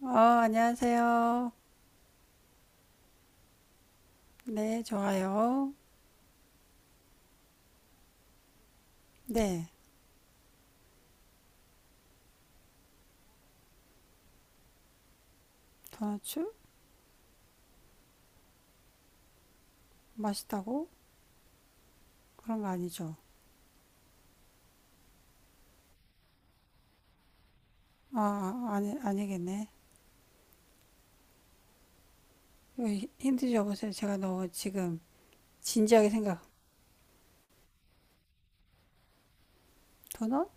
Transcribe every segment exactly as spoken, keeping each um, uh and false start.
어, 안녕하세요. 네, 좋아요. 네, 도너츠? 맛있다고? 그런 거 아니죠? 아, 아, 아니, 아니겠네. 이거 힌트 줘보세요. 제가 너무 지금 진지하게 생각. 도넛?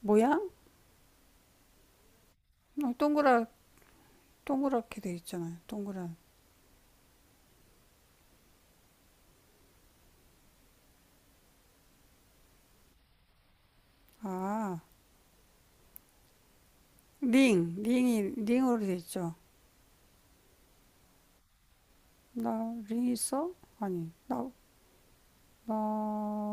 모양? 어, 동그라, 동그랗게 돼 있잖아요. 동그란. 아, 링. 링이, 링으로 돼 있죠. 나, 링 있어? 아니, 나, 나,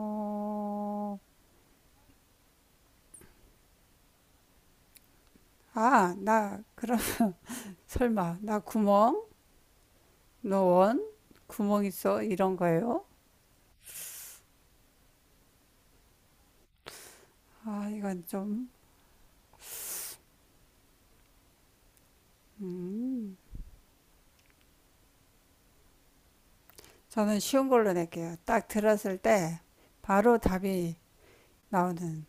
아, 나, 그럼, 설마, 나 구멍? 노원, 구멍 있어 이런 거예요. 아 이건 좀 음, 저는 쉬운 걸로 낼게요. 딱 들었을 때 바로 답이 나오는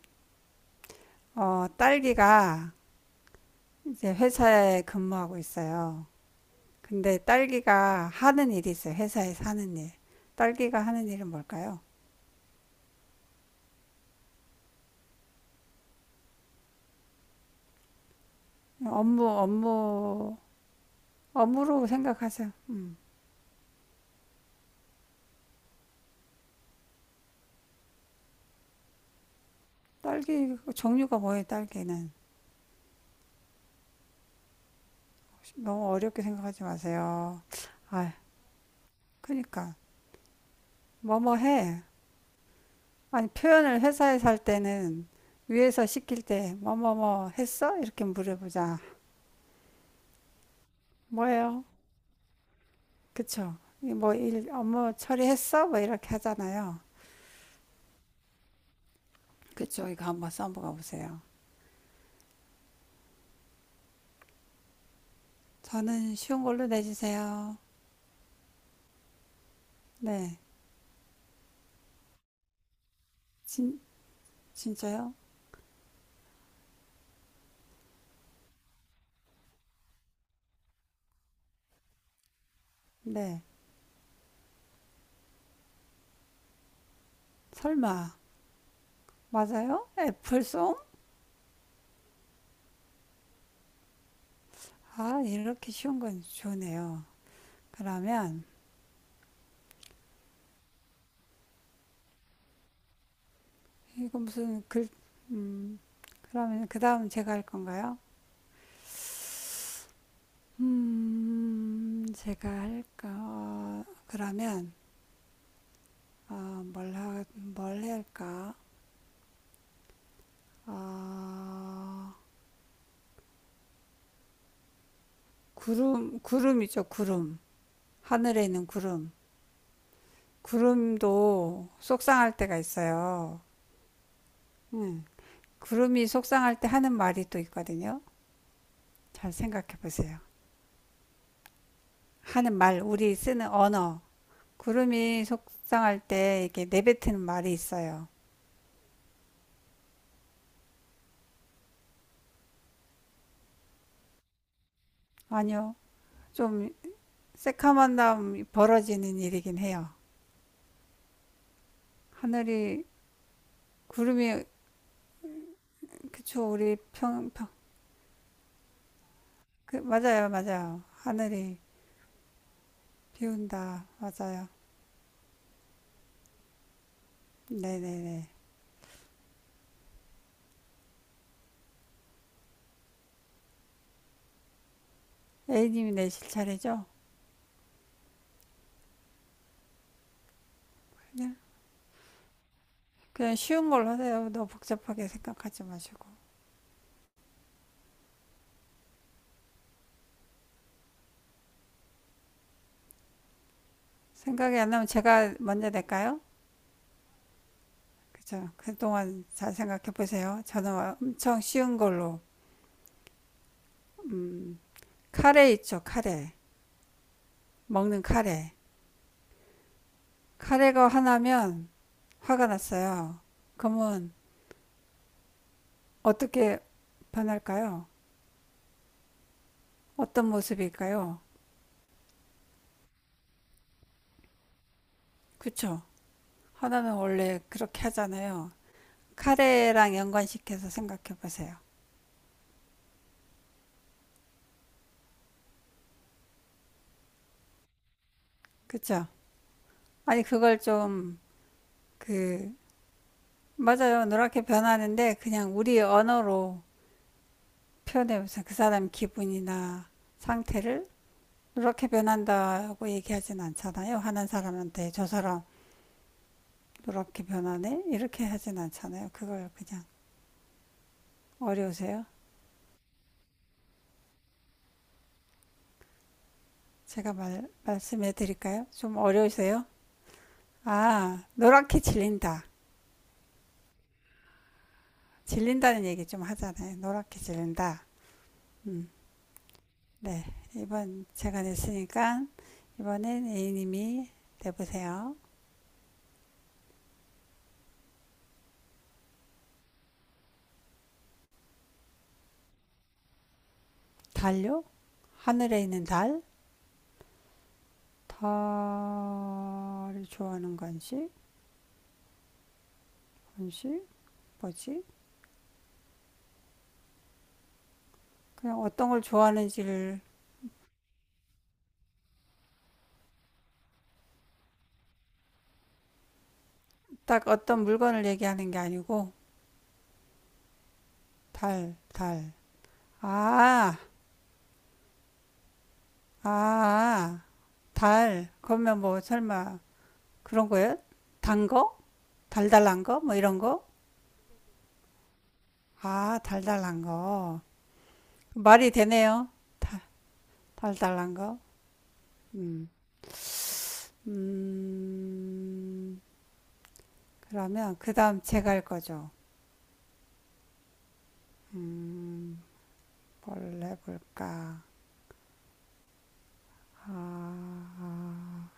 어, 딸기가 이제 회사에 근무하고 있어요. 근데 딸기가 하는 일이 있어요. 회사에서 하는 일. 딸기가 하는 일은 뭘까요? 업무, 업무, 업무로 생각하세요. 딸기 종류가 뭐예요? 딸기는 너무 어렵게 생각하지 마세요. 아, 그러니까 뭐뭐 해. 아니, 표현을 회사에 살 때는 위에서 시킬 때, 뭐, 뭐, 뭐 했어? 이렇게 물어보자. 뭐예요? 그쵸? 이 뭐, 일, 업무 처리했어? 뭐, 이렇게 하잖아요. 그쵸? 이거 한번 써보가 보세요. 저는 쉬운 걸로 내주세요. 네. 진, 진짜요? 네. 설마. 맞아요? 애플송? 아, 이렇게 쉬운 건 좋네요. 그러면, 이거 무슨 글, 음, 그러면 그 다음 제가 할 건가요? 음, 제가 할까? 어, 그러면, 어, 뭘 하, 뭘 할까? 어, 구름, 구름이죠, 구름. 하늘에 있는 구름. 구름도 속상할 때가 있어요. 음, 구름이 속상할 때 하는 말이 또 있거든요. 잘 생각해 보세요. 하는 말, 우리 쓰는 언어. 구름이 속상할 때 이렇게 내뱉는 말이 있어요. 아니요, 좀 새카만담 벌어지는 일이긴 해요. 하늘이 구름이 그쵸 우리 평, 평 그, 맞아요 맞아요 하늘이 비운다 맞아요 네네네 A님이 내실 차례죠 그냥 그냥 쉬운 걸로 하세요 너무 복잡하게 생각하지 마시고 생각이 안 나면 제가 먼저 낼까요? 그죠 그동안 잘 생각해 보세요 저는 엄청 쉬운 걸로 음 카레 있죠 카레 먹는 카레 카레가 하나면 화가 났어요. 그러면 어떻게 변할까요? 어떤 모습일까요? 그쵸? 하나는 원래 그렇게 하잖아요. 카레랑 연관시켜서 생각해 보세요. 그쵸? 아니, 그걸 좀, 그, 맞아요. 노랗게 변하는데 그냥 우리 언어로 표현해 보세요. 그 사람 기분이나 상태를 노랗게 변한다고 얘기하진 않잖아요. 하는 사람한테 저 사람 노랗게 변하네? 이렇게 하진 않잖아요. 그걸 그냥 어려우세요? 제가 말, 말씀해 드릴까요? 좀 어려우세요? 아, 노랗게 질린다. 질린다는 얘기 좀 하잖아요. 노랗게 질린다. 음, 네. 이번 제가 냈으니까, 이번엔 A님이 내보세요. 달요? 하늘에 있는 달? 달을 좋아하는 건지? 건지? 뭐지? 그냥 어떤 걸 좋아하는지를, 딱 어떤 물건을 얘기하는 게 아니고, 달, 달. 아, 아, 달. 그러면 뭐 설마 그런 거예요? 단 거? 달달한 거? 뭐 이런 거? 아, 달달한 거. 말이 되네요. 달, 달달한 거. 음. 음. 그러면 그다음 제가 할 거죠. 음. 뭘 해볼까? 아. 아.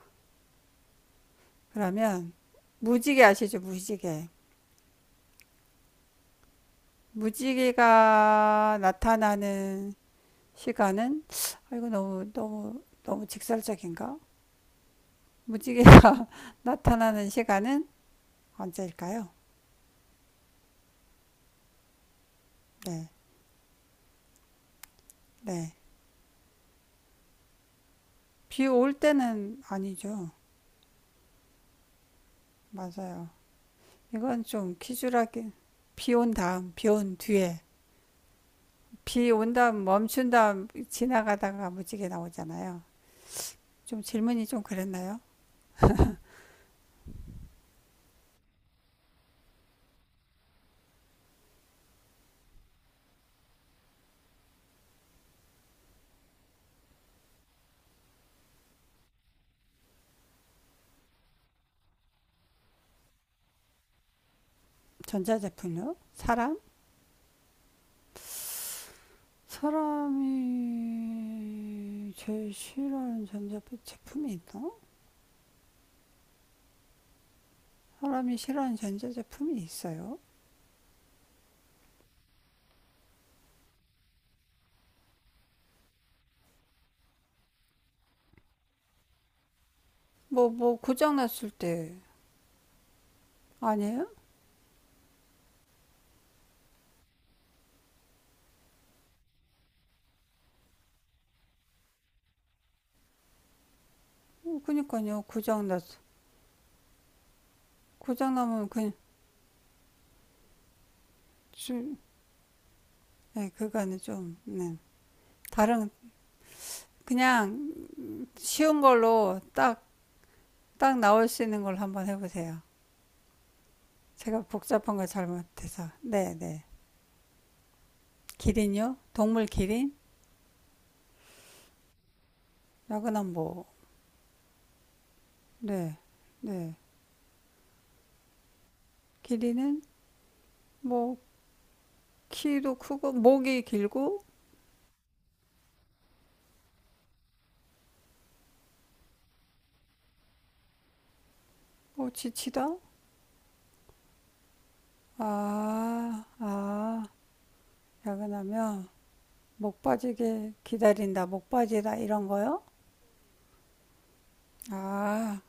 그러면 무지개 아시죠? 무지개. 무지개가 나타나는 시간은 아, 이거 너무 너무 너무 직설적인가? 무지개가 나타나는 시간은 언제일까요? 네, 네. 비 올 때는 아니죠. 맞아요. 이건 좀 키주하게 비 온 다음, 비 온 뒤에, 비 온 다음 멈춘 다음 지나가다가 무지개 나오잖아요. 좀 질문이 좀 그랬나요? 전자제품요? 사람? 사람이 제일 싫어하는 전자제품이 있나? 사람이 싫어하는 전자제품이 있어요? 뭐, 뭐, 고장났을 때, 아니에요? 어, 그니까요, 고장났, 고장나면 그냥, 좀, 네, 그거는 좀, 네. 다른, 그냥 쉬운 걸로 딱, 딱 나올 수 있는 걸 한번 해보세요. 제가 복잡한 거 잘못해서. 네, 네. 기린요? 동물 기린? 야근한 뭐, 네, 네. 기린은 뭐, 키도 크고, 목이 길고, 뭐, 지치다? 아, 아. 야근하면 목 빠지게 기다린다, 목 빠지다 이런 거요? 아,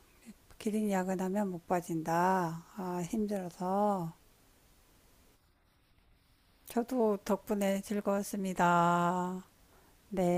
기린 야근하면 목 빠진다. 아, 힘들어서. 저도 덕분에 즐거웠습니다. 네.